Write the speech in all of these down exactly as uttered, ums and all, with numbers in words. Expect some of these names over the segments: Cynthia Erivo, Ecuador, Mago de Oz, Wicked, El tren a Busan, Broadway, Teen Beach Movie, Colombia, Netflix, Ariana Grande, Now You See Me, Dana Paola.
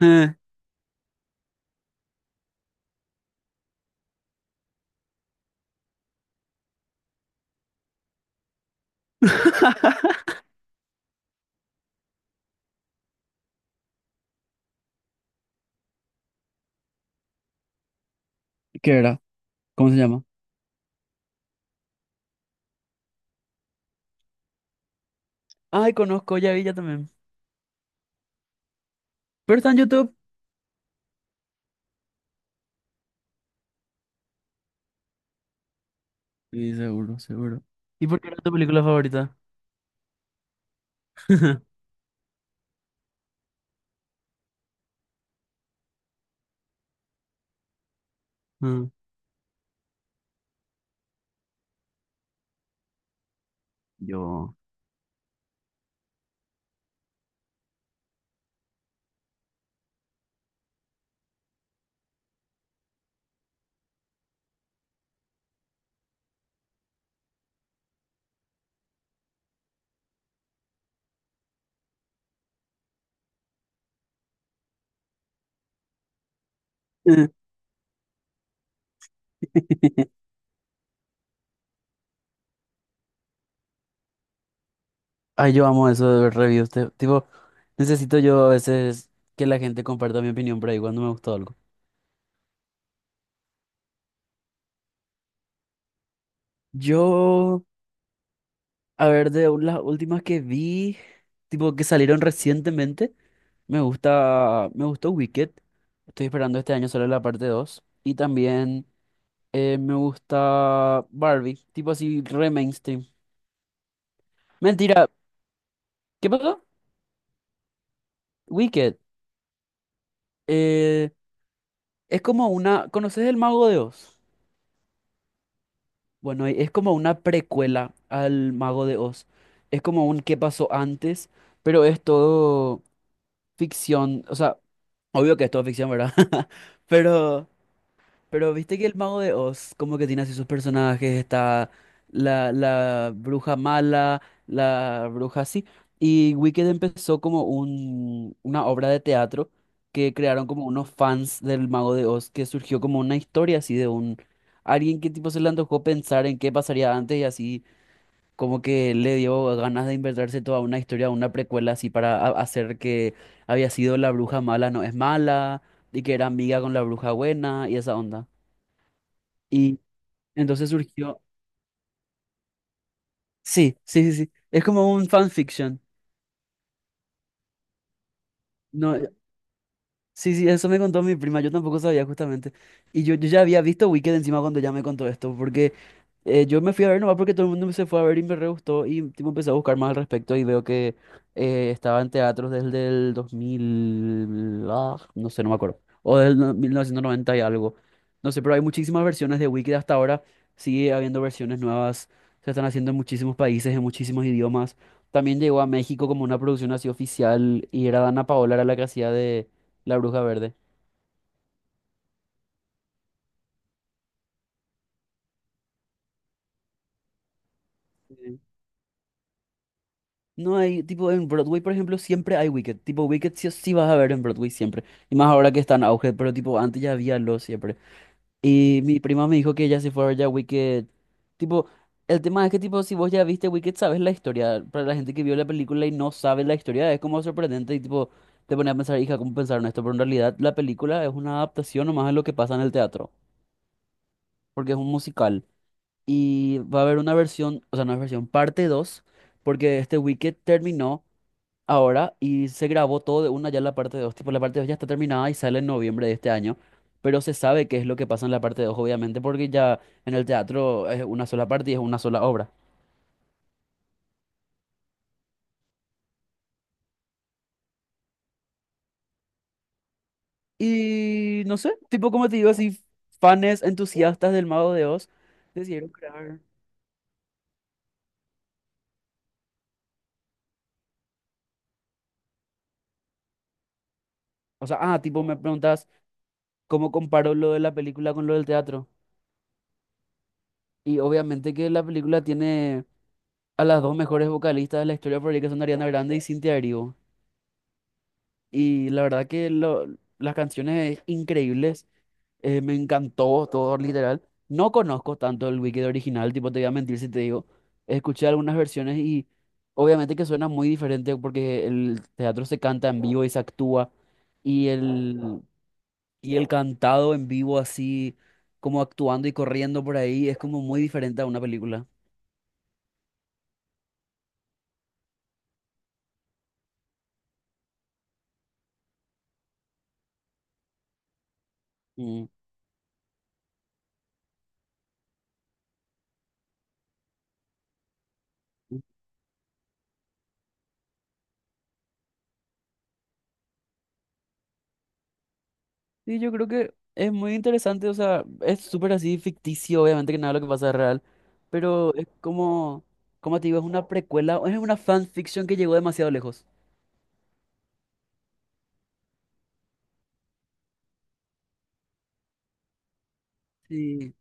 Eh. ¿Qué era? ¿Cómo se llama? Ay, conozco, ya vi, ya también. Pero está en YouTube. Sí, seguro, seguro. ¿Y por qué era tu película favorita? Mm. Yo. Eh. Ay, yo amo eso de ver reviews. Te- tipo, necesito yo a veces que la gente comparta mi opinión por ahí cuando me gustó algo. Yo, a ver, de u- las últimas que vi, tipo, que salieron recientemente, me gusta, me gustó Wicked. Estoy esperando este año solo la parte dos. Y también Eh, me gusta Barbie, tipo así, re mainstream. Mentira, ¿qué pasó? Wicked. Eh, es como una. ¿Conoces el Mago de Oz? Bueno, es como una precuela al Mago de Oz. Es como un qué pasó antes, pero es todo ficción. O sea, obvio que es todo ficción, ¿verdad? Pero Pero viste que el mago de Oz, como que tiene así sus personajes, está la, la bruja mala, la bruja así. Y Wicked empezó como un, una obra de teatro que crearon como unos fans del mago de Oz, que surgió como una historia así de un alguien que tipo se le antojó pensar en qué pasaría antes, y así como que le dio ganas de inventarse toda una historia, una precuela así para a- hacer que había sido la bruja mala, no es mala, y que era amiga con la bruja buena y esa onda. Y entonces surgió, sí, sí, sí, sí, es como un fanfiction. No, sí, sí, eso me contó mi prima, yo tampoco sabía justamente. Y yo, yo ya había visto Wicked encima cuando ya me contó esto, porque eh, yo me fui a ver nomás porque todo el mundo se fue a ver y me re gustó y tipo, empecé a buscar más al respecto y veo que eh, estaba en teatros desde el dos mil, ah, no sé, no me acuerdo, o del no- mil novecientos noventa y algo. No sé, pero hay muchísimas versiones de Wicked hasta ahora, sigue habiendo versiones nuevas, se están haciendo en muchísimos países, en muchísimos idiomas. También llegó a México como una producción así oficial y era Dana Paola, era la que hacía de... la Bruja Verde. Sí. No hay, tipo en Broadway, por ejemplo, siempre hay Wicked. Tipo, Wicked sí o sí vas a ver en Broadway siempre. Y más ahora que está en auge, pero tipo, antes ya había lo siempre. Y mi prima me dijo que ella se fue a ver ya Wicked. Tipo, el tema es que, tipo, si vos ya viste Wicked, sabes la historia. Para la gente que vio la película y no sabe la historia, es como sorprendente y tipo, te pone a pensar, hija, ¿cómo pensaron esto? Pero en realidad la película es una adaptación nomás de lo que pasa en el teatro, porque es un musical. Y va a haber una versión, o sea, una versión parte dos, porque este Wicked terminó ahora y se grabó todo de una ya la parte dos. Tipo, la parte dos ya está terminada y sale en noviembre de este año, pero se sabe qué es lo que pasa en la parte dos obviamente, porque ya en el teatro es una sola parte y es una sola obra. Y no sé, tipo, como te digo, así, fans entusiastas del Mago de Oz decidieron crear. O sea, ah, tipo, me preguntas cómo comparo lo de la película con lo del teatro. Y obviamente que la película tiene a las dos mejores vocalistas de la historia por ahí, que son Ariana Grande y Cynthia Erivo. Y la verdad que lo- las canciones increíbles, eh, me encantó todo, literal. No conozco tanto el Wicked original, tipo, te voy a mentir si te digo. Escuché algunas versiones y obviamente que suena muy diferente porque el teatro se canta en vivo y se actúa. Y el, y el cantado en vivo así, como actuando y corriendo por ahí, es como muy diferente a una película. Mm. Sí, yo creo que es muy interesante, o sea, es súper así ficticio, obviamente que nada de lo que pasa es real, pero es como, como te digo, es una precuela, es una fanfiction que llegó demasiado lejos. Sí,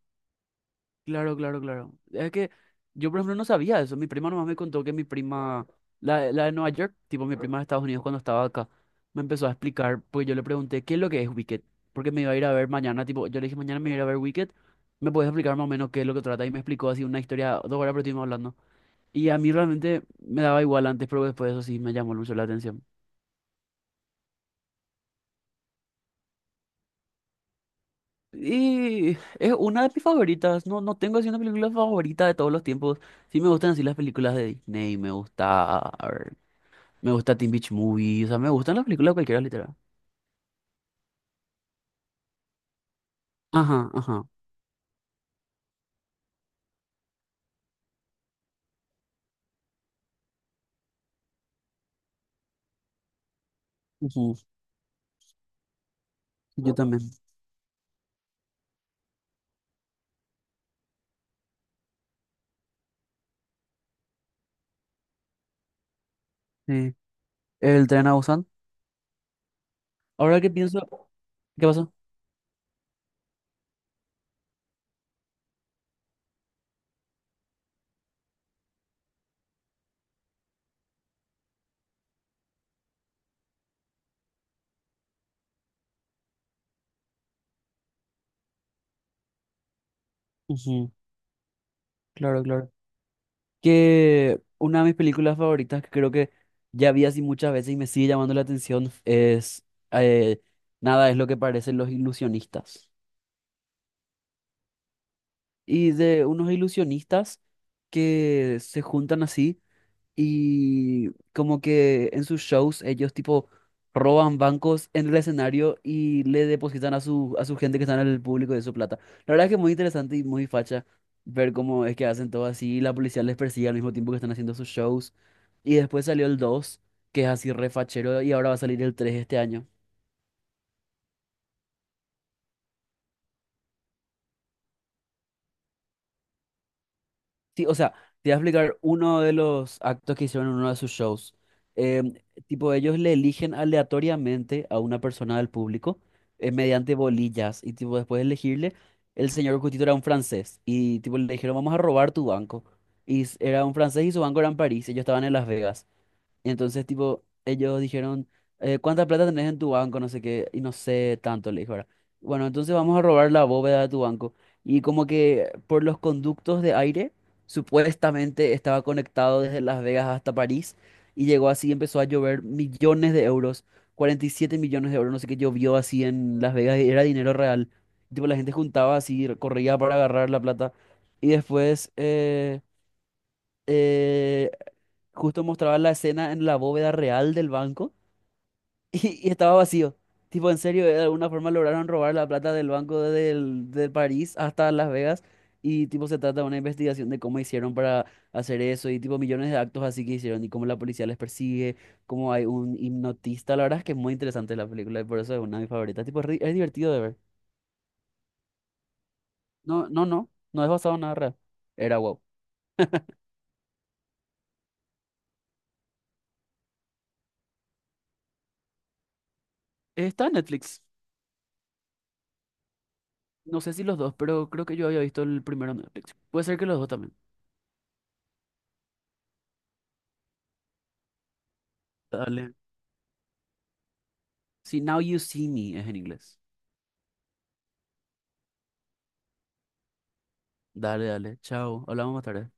claro, claro, claro. Es que yo, por ejemplo, no sabía eso. Mi prima nomás me contó que mi prima, la, la de Nueva York, tipo mi prima de Estados Unidos cuando estaba acá, me empezó a explicar, pues yo le pregunté, ¿qué es lo que es Wicked? Porque me iba a ir a ver mañana, tipo, yo le dije, mañana me voy a ir a ver Wicked, ¿me puedes explicar más o menos qué es lo que trata? Y me explicó así una historia, dos horas, pero estuvimos hablando. Y a mí realmente me daba igual antes, pero después de eso sí me llamó mucho la atención. Y es una de mis favoritas. No, no tengo así una película favorita de todos los tiempos. Sí me gustan así las películas de Disney, me gusta, a ver, me gusta Teen Beach Movie, o sea, me gustan las películas cualquiera, literal. Ajá, ajá. Ujú, yo también. Sí. El tren a Busan. Ahora que pienso, ¿qué pasó? Ujú, claro, claro. Que una de mis películas favoritas, que creo que ya vi así muchas veces y me sigue llamando la atención, es eh, Nada es lo que parecen los ilusionistas. Y de unos ilusionistas que se juntan así y como que en sus shows ellos tipo roban bancos en el escenario y le depositan a su, a su gente que está en el público de su plata. La verdad es que es muy interesante y muy facha ver cómo es que hacen todo así. Y la policía les persigue al mismo tiempo que están haciendo sus shows. Y después salió el dos, que es así refachero, y ahora va a salir el tres este año. Sí, o sea, te voy a explicar uno de los actos que hicieron en uno de sus shows. Em, tipo, ellos le eligen aleatoriamente a una persona del público eh, mediante bolillas y tipo, después de elegirle, el señor Cutito era un francés y tipo, le dijeron, vamos a robar tu banco. Y s- era un francés y su banco era en París, ellos estaban en Las Vegas. Y entonces, tipo, ellos dijeron, eh, ¿cuánta plata tenés en tu banco? No sé qué, y no sé tanto, le dijo, ¿verdad? Bueno, entonces vamos a robar la bóveda de tu banco. Y como que por los conductos de aire, supuestamente estaba conectado desde Las Vegas hasta París, y llegó así, empezó a llover millones de euros, cuarenta y siete millones de euros, no sé qué, llovió así en Las Vegas, y era dinero real. Tipo, la gente juntaba así, corría para agarrar la plata. Y después, eh, eh, justo mostraba la escena en la bóveda real del banco y, y estaba vacío. Tipo, en serio, de alguna forma lograron robar la plata del banco del, de París hasta Las Vegas, y tipo se trata de una investigación de cómo hicieron para hacer eso y tipo millones de actos así que hicieron y cómo la policía les persigue, cómo hay un hipnotista. La verdad es que es muy interesante la película y por eso es una de mis favoritas. Tipo, es, ri- es divertido de ver. No, no, no, no es basado en nada real. Era wow. Está en Netflix. No sé si los dos, pero creo que yo había visto el primero en Netflix. Puede ser que los dos también. Dale. Si Now You See Me es en inglés. Dale, dale. Chao. Hablamos más tarde.